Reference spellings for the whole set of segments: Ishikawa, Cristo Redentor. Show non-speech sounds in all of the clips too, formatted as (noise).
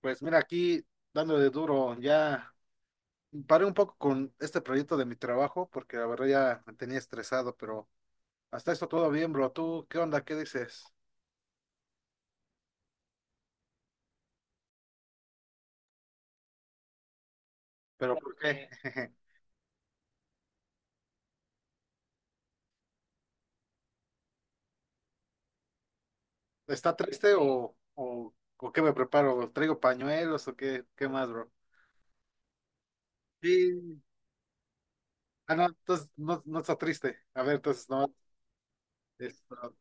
Pues mira, aquí dándole duro, ya paré un poco con este proyecto de mi trabajo porque la verdad ya me tenía estresado, pero hasta esto todo bien, bro. ¿Tú qué onda? ¿Qué dices? ¿Pero por qué? (laughs) ¿Está triste o qué me preparo? ¿Traigo pañuelos o qué, qué más, bro? Sí. Ah, no, entonces no, no está triste. A ver, entonces no, esto,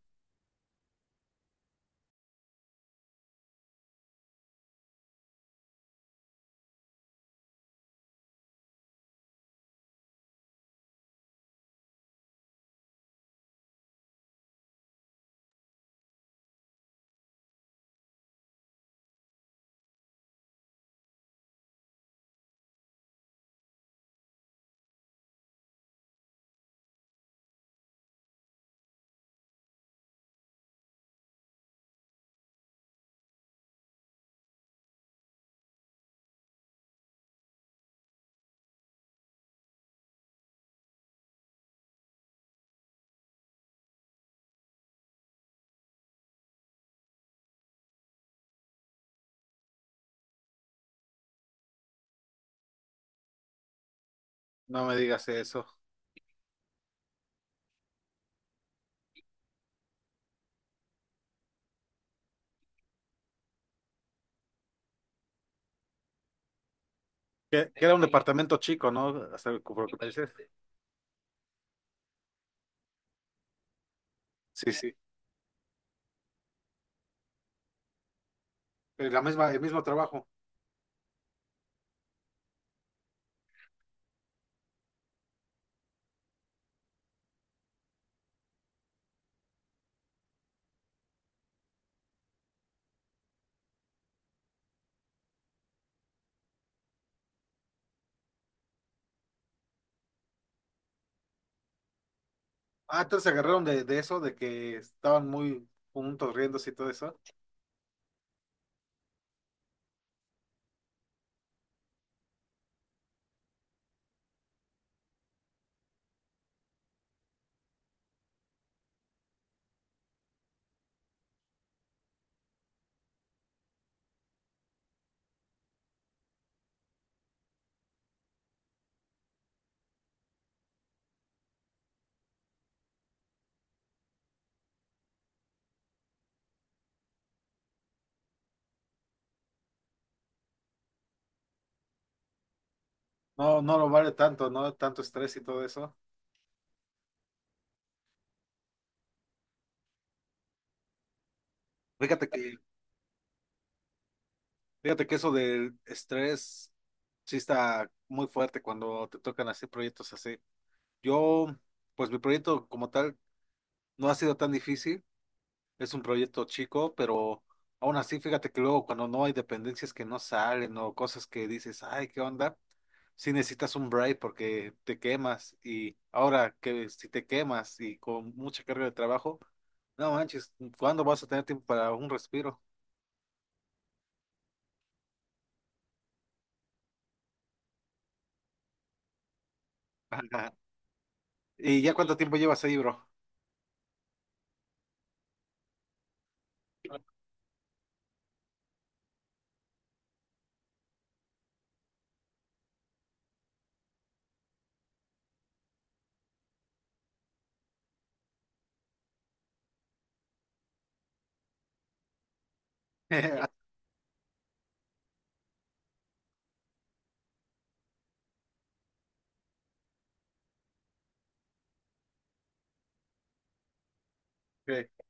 no me digas eso. Que era un departamento chico, ¿no? Hasta el- por lo que me dices. Sí, sí. La misma, el mismo trabajo. Ah, entonces se agarraron de eso, de que estaban muy juntos riéndose y todo eso. No, no lo vale tanto, ¿no? Tanto estrés y todo eso. Fíjate que, fíjate que eso del estrés sí está muy fuerte cuando te tocan así proyectos así. Yo, pues mi proyecto como tal no ha sido tan difícil. Es un proyecto chico, pero aún así, fíjate que luego cuando no hay dependencias que no salen o cosas que dices, ay, ¿qué onda? Si necesitas un break porque te quemas y ahora que si te quemas y con mucha carga de trabajo, no manches, ¿cuándo vas a tener tiempo para un respiro? (laughs) ¿Y ya cuánto tiempo llevas ahí, bro? (laughs) Ok.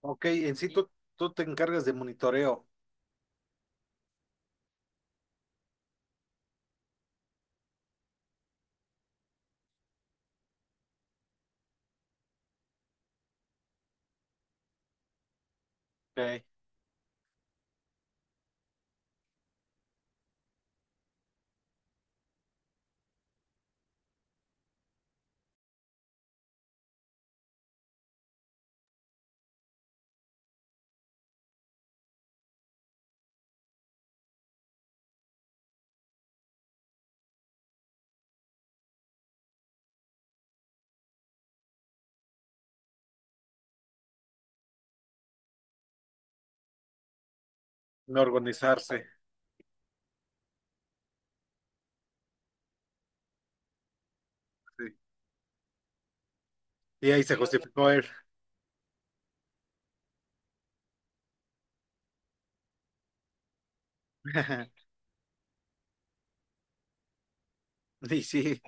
En sí tú te encargas de monitoreo, okay. No organizarse. Sí. Y ahí se justificó él. (laughs) Y sí,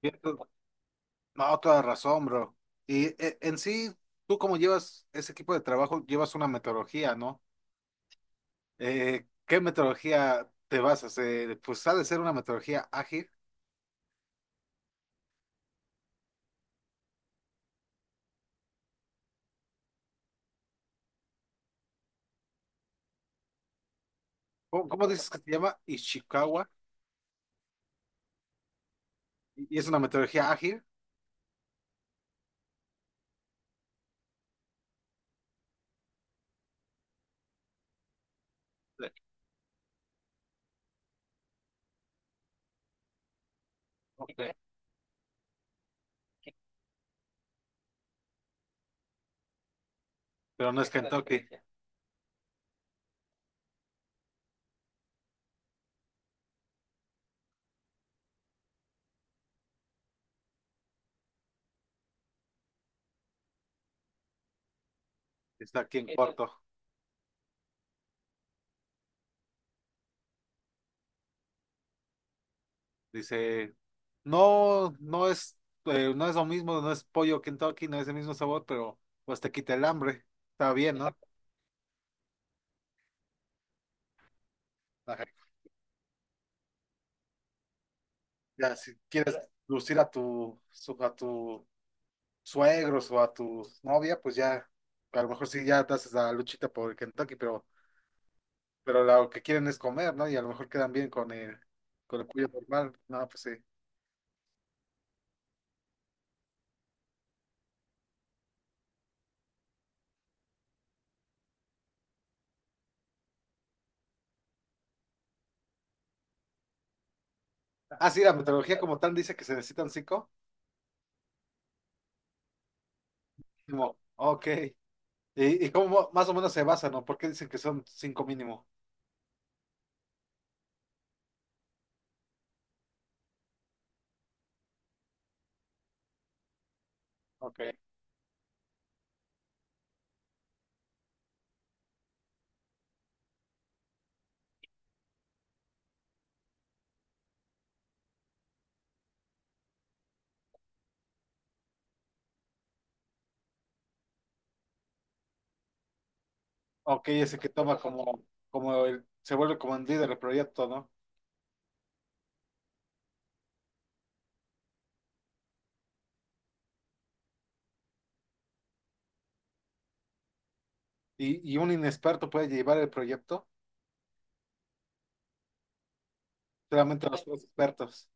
cierto. No, toda razón, bro. Y en sí, tú como llevas ese equipo de trabajo, llevas una metodología, ¿no? ¿Qué metodología te basas? Pues ha de ser una metodología ágil. ¿Cómo, cómo dices que se llama? Ishikawa. ¿Y y es una metodología ágil? Ok. Pero no es... Esa es Kentucky. Está aquí en... Esa- corto. Dice, no, no es, no es lo mismo, no es pollo Kentucky, no es el mismo sabor, pero pues te quita el hambre. Está bien, ¿no? Ajá. Ya, si quieres lucir a tu, su- a tu suegros o a tu novia, pues ya, a lo mejor sí ya te haces la luchita por el Kentucky, pero lo que quieren es comer, ¿no? Y a lo mejor quedan bien con el pollo normal. No, pues sí. Ah, sí, la metodología como tal dice que se necesitan cinco. Como, ok. Y cómo más o menos se basa, ¿no? ¿Por qué dicen que son cinco mínimo? Ok. Ok, ese que toma como, como el, se vuelve como el líder del proyecto, ¿no? Y un inexperto puede llevar el proyecto, solamente los tres expertos.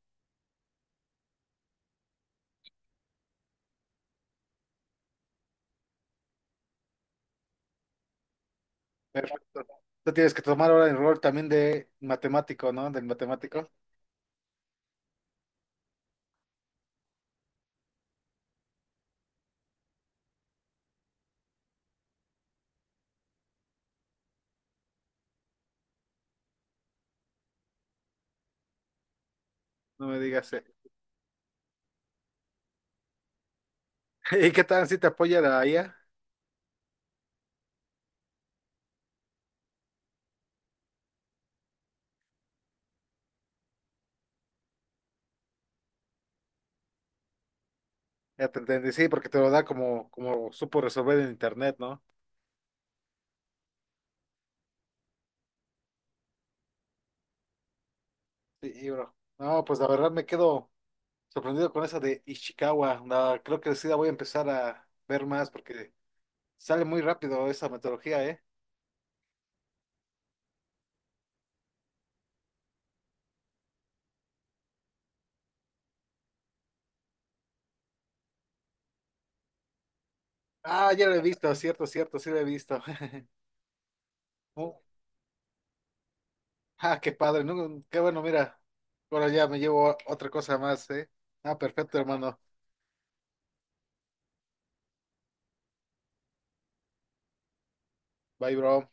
Perfecto. Tú tienes que tomar ahora el rol también de matemático, ¿no? Del matemático. No me digas. Eh. (laughs) ¿Y qué tal si te apoya la IA? Ya te entendí, sí, porque te lo da como, como supo resolver en internet, ¿no? Sí, y bro. No, pues la verdad me quedo sorprendido con esa de Ishikawa. La- creo que sí la voy a empezar a ver más porque sale muy rápido esa metodología, ¿eh? Ah, ya la he visto, cierto, cierto, sí la he visto. (laughs) Oh, ah, qué padre, ¿no? Qué bueno, mira. Ahora ya me llevo otra cosa más, ¿eh? Ah, perfecto, hermano. Bye, bro.